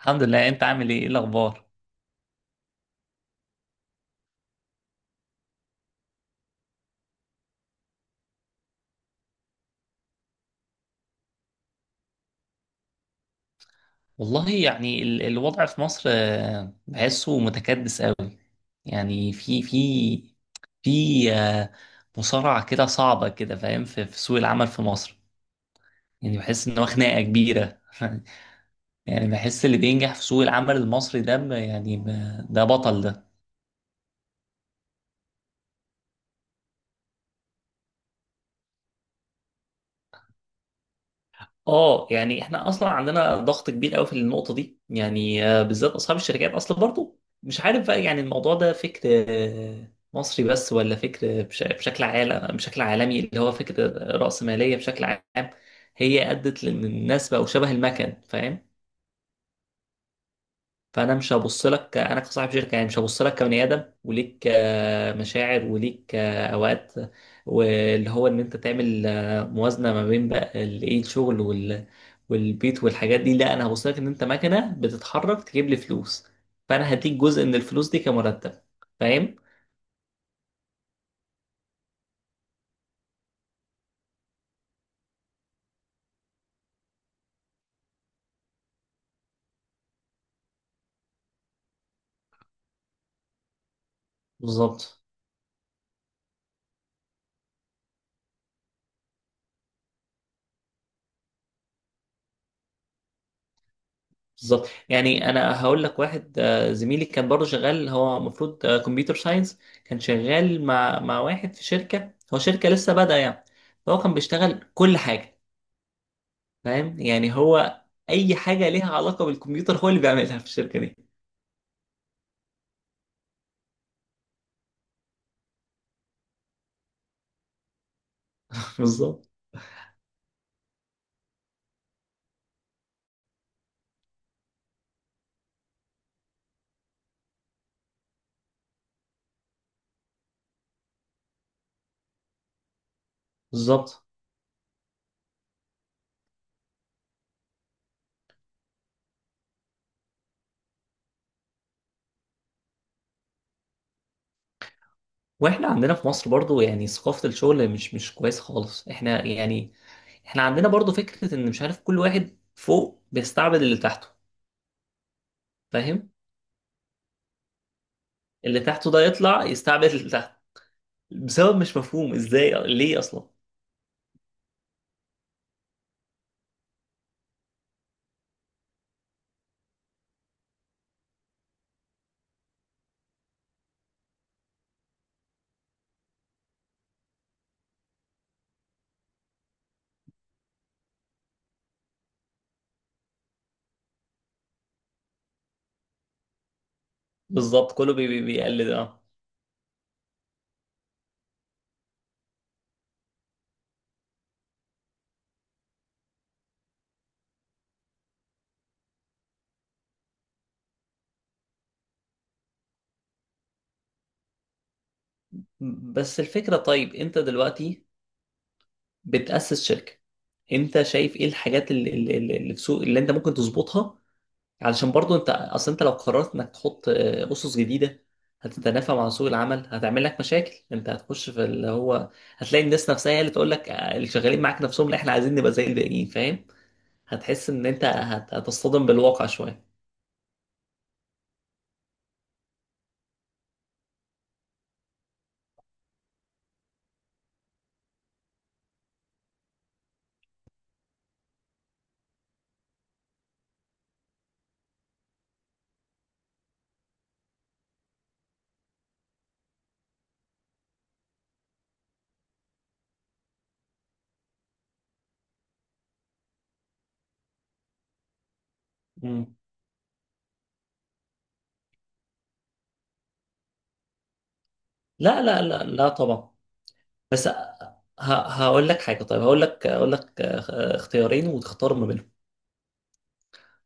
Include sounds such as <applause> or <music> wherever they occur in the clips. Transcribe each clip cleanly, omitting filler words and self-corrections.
الحمد لله، انت عامل ايه؟ ايه الاخبار؟ والله يعني الوضع في مصر بحسه متكدس قوي. يعني في في آه، مصارعة كده صعبة كده، فاهم؟ في سوق العمل في مصر، يعني بحس ان هو خناقة كبيرة. <laughs> يعني بحس اللي بينجح في سوق العمل المصري ده، ده بطل ده. اه، يعني احنا اصلا عندنا ضغط كبير قوي في النقطه دي، يعني بالذات اصحاب الشركات اصلا. برضو مش عارف بقى، يعني الموضوع ده فكر مصري بس، ولا فكر بشكل عالمي، اللي هو فكره رأسماليه بشكل عام. هي ادت لان الناس بقوا شبه المكن، فاهم؟ فانا مش هبص لك انا كصاحب شركه، يعني مش هبص لك كبني ادم وليك مشاعر وليك اوقات، واللي هو ان انت تعمل موازنه ما بين بقى ال- ايه الشغل والبيت والحاجات دي. لا، انا هبص لك ان انت مكنه بتتحرك تجيب لي فلوس، فانا هديك جزء من الفلوس دي كمرتب. فاهم؟ بالظبط، بالظبط. يعني انا هقول لك، واحد زميلي كان برضه شغال، هو المفروض كمبيوتر ساينس. كان شغال مع واحد في شركه، هو شركه لسه بادئه يعني. فهو كان بيشتغل كل حاجه. فاهم؟ يعني هو اي حاجه ليها علاقه بالكمبيوتر هو اللي بيعملها في الشركه دي. <laughs> بالظبط، بالظبط. واحنا عندنا في مصر برضه، يعني ثقافه الشغل مش كويسه خالص. احنا يعني احنا عندنا برضه فكره ان، مش عارف، كل واحد فوق بيستعبد اللي تحته. فاهم؟ اللي تحته ده يطلع يستعبد اللي تحته، بسبب مش مفهوم ازاي، ليه اصلا؟ بالظبط، كله بيقلد. اه. بس الفكره، طيب، انت دلوقتي بتأسس شركه، انت شايف ايه الحاجات اللي في سوق، اللي انت ممكن تظبطها؟ علشان برضو انت، اصل انت لو قررت انك تحط اسس جديده، هتتنافى مع سوق العمل، هتعمل لك مشاكل. انت هتخش في اللي هو، هتلاقي الناس نفسها هي اللي تقول لك اللي شغالين معاك نفسهم، لا احنا عايزين نبقى زي الباقيين. فاهم؟ هتحس ان انت هتصطدم بالواقع شويه. مم. لا، لا، لا، لا، طبعا. بس هقول لك حاجه. طيب، هقول لك اختيارين وتختار ما بينهم.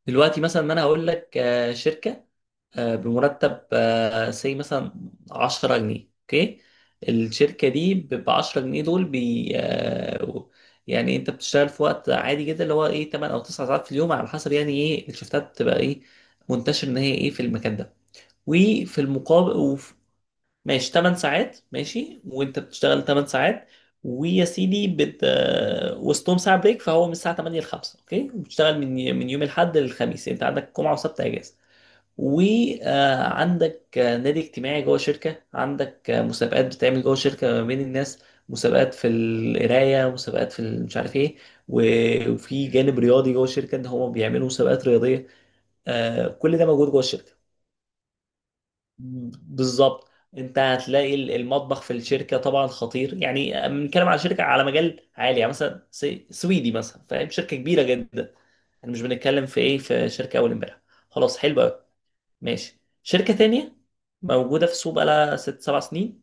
دلوقتي مثلا، ما انا هقول لك شركه بمرتب سي مثلا 10 جنيه، اوكي؟ الشركه دي ب 10 جنيه دول بي آه، يعني انت بتشتغل في وقت عادي جدا، اللي هو ايه، 8 او 9 ساعات في اليوم، على حسب يعني ايه الشفتات، بتبقى ايه منتشر ان هي ايه في المكان ده. وفي المقابل، ماشي 8 ساعات، ماشي، وانت بتشتغل 8 ساعات ويا سيدي، بت آه، وسطهم ساعة بريك، فهو من الساعة 8 ل 5، اوكي؟ بتشتغل من يوم الاحد للخميس، يعني انت عندك جمعة وسبت اجازة. وعندك نادي اجتماعي جوه شركة، عندك مسابقات بتعمل جوه شركة ما بين الناس، مسابقات في القراية، مسابقات في مش عارف ايه، وفي جانب رياضي جوه الشركة، ان هم بيعملوا مسابقات رياضية. كل ده موجود جوه الشركة. بالظبط. انت هتلاقي المطبخ في الشركه طبعا خطير، يعني بنتكلم على شركه على مجال عالي، يعني مثلا سويدي مثلا، فاهم؟ شركه كبيره جدا. يعني مش بنتكلم في ايه، في شركه اول امبارح. خلاص، حلو قوي. ماشي، شركه تانية موجوده في السوق بقالها 6 7 سنين.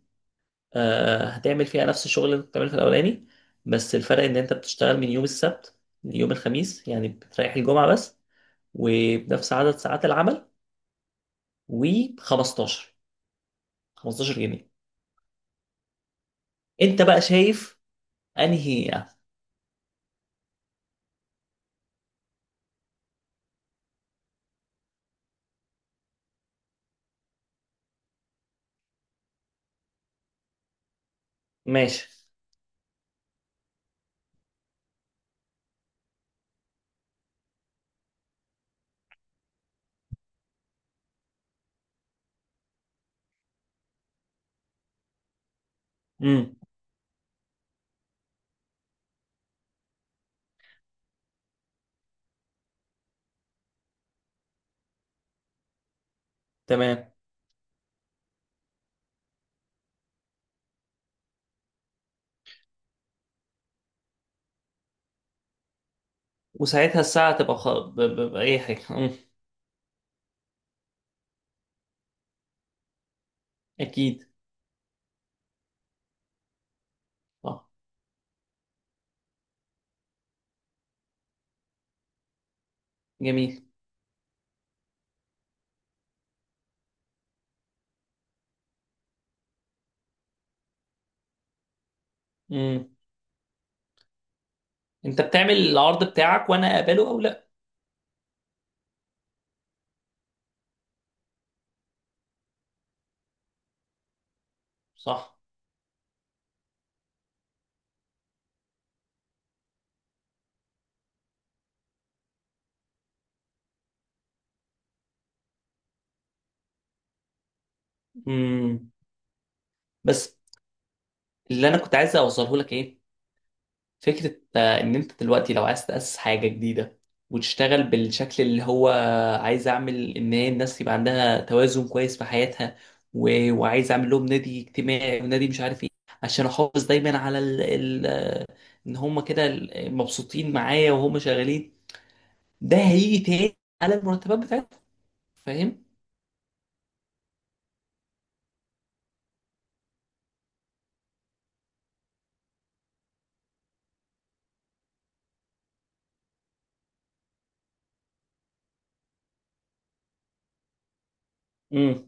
آه، هتعمل فيها نفس الشغل اللي انت بتعمله في الاولاني، بس الفرق ان انت بتشتغل من يوم السبت ليوم الخميس، يعني بتريح الجمعه بس، وبنفس عدد ساعات العمل، و15 15 جنيه. انت بقى شايف انهي؟ ماشي. امم. تمام. وساعتها الساعة تبقى بأي حاجة. امم. أكيد. صح. جميل. امم. انت بتعمل العرض بتاعك وانا اقبله او لا. صح. امم. بس اللي انا كنت عايز اوصله لك، ايه، فكرة إن أنت دلوقتي لو عايز تأسس حاجة جديدة وتشتغل بالشكل اللي هو، عايز أعمل إن هي الناس يبقى عندها توازن كويس في حياتها، وعايز أعمل لهم نادي اجتماعي، ونادي مش عارف إيه، عشان أحافظ دايما على ال... ال... آه، إن هم كده مبسوطين معايا وهم شغالين. ده هيجي تاني على المرتبات بتاعتهم. فاهم؟ امم.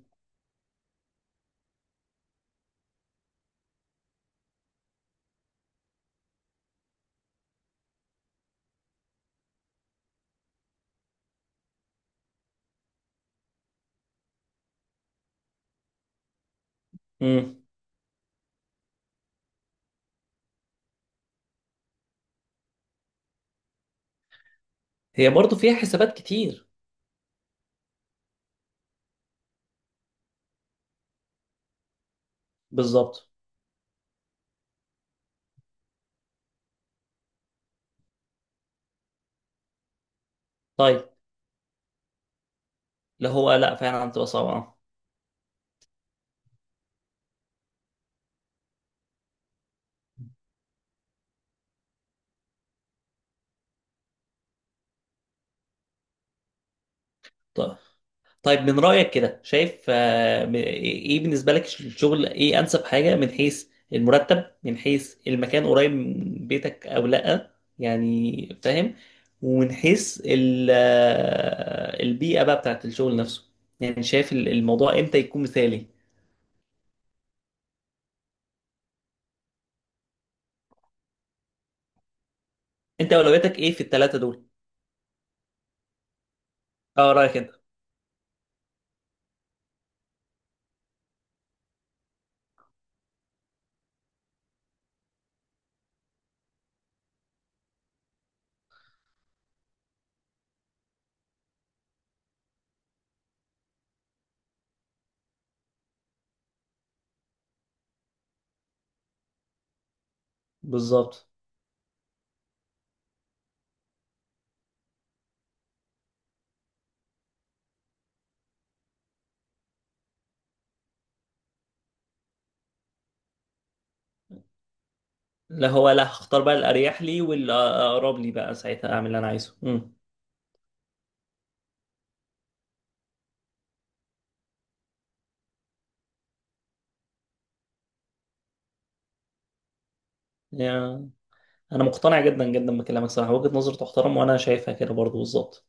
امم. هي برضو فيها حسابات كتير. بالظبط. طيب. اللي هو لا، فعلا بتبقى صعبة. طيب. طيب. من رأيك كده، شايف ايه بالنسبة لك الشغل، ايه انسب حاجة؟ من حيث المرتب، من حيث المكان، قريب من بيتك او لا، يعني فاهم، ومن حيث البيئة بقى بتاعت الشغل نفسه. يعني شايف الموضوع امتى يكون مثالي؟ انت اولوياتك ايه في الثلاثة دول؟ اه، رأيك انت. بالظبط، لا، هو لا، هختار بقى الاريح لي والاقرب لي بقى، ساعتها اعمل اللي انا عايزه. امم. انا مقتنع جدا جدا بكلامك، صراحه وجهه نظر تحترم وانا شايفها كده برضو بالظبط.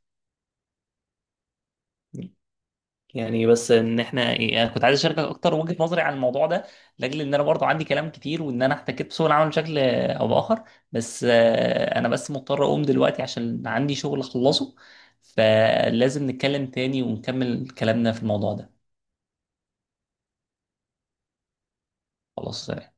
يعني بس ان احنا ايه، انا كنت عايز اشاركك اكتر وجهه نظري عن الموضوع ده، لاجل ان انا برضو عندي كلام كتير وان انا احتكيت بسوق العمل بشكل او باخر. بس انا بس مضطر اقوم دلوقتي عشان عندي شغل اخلصه، فلازم نتكلم تاني ونكمل كلامنا في الموضوع ده. خلاص، سلام.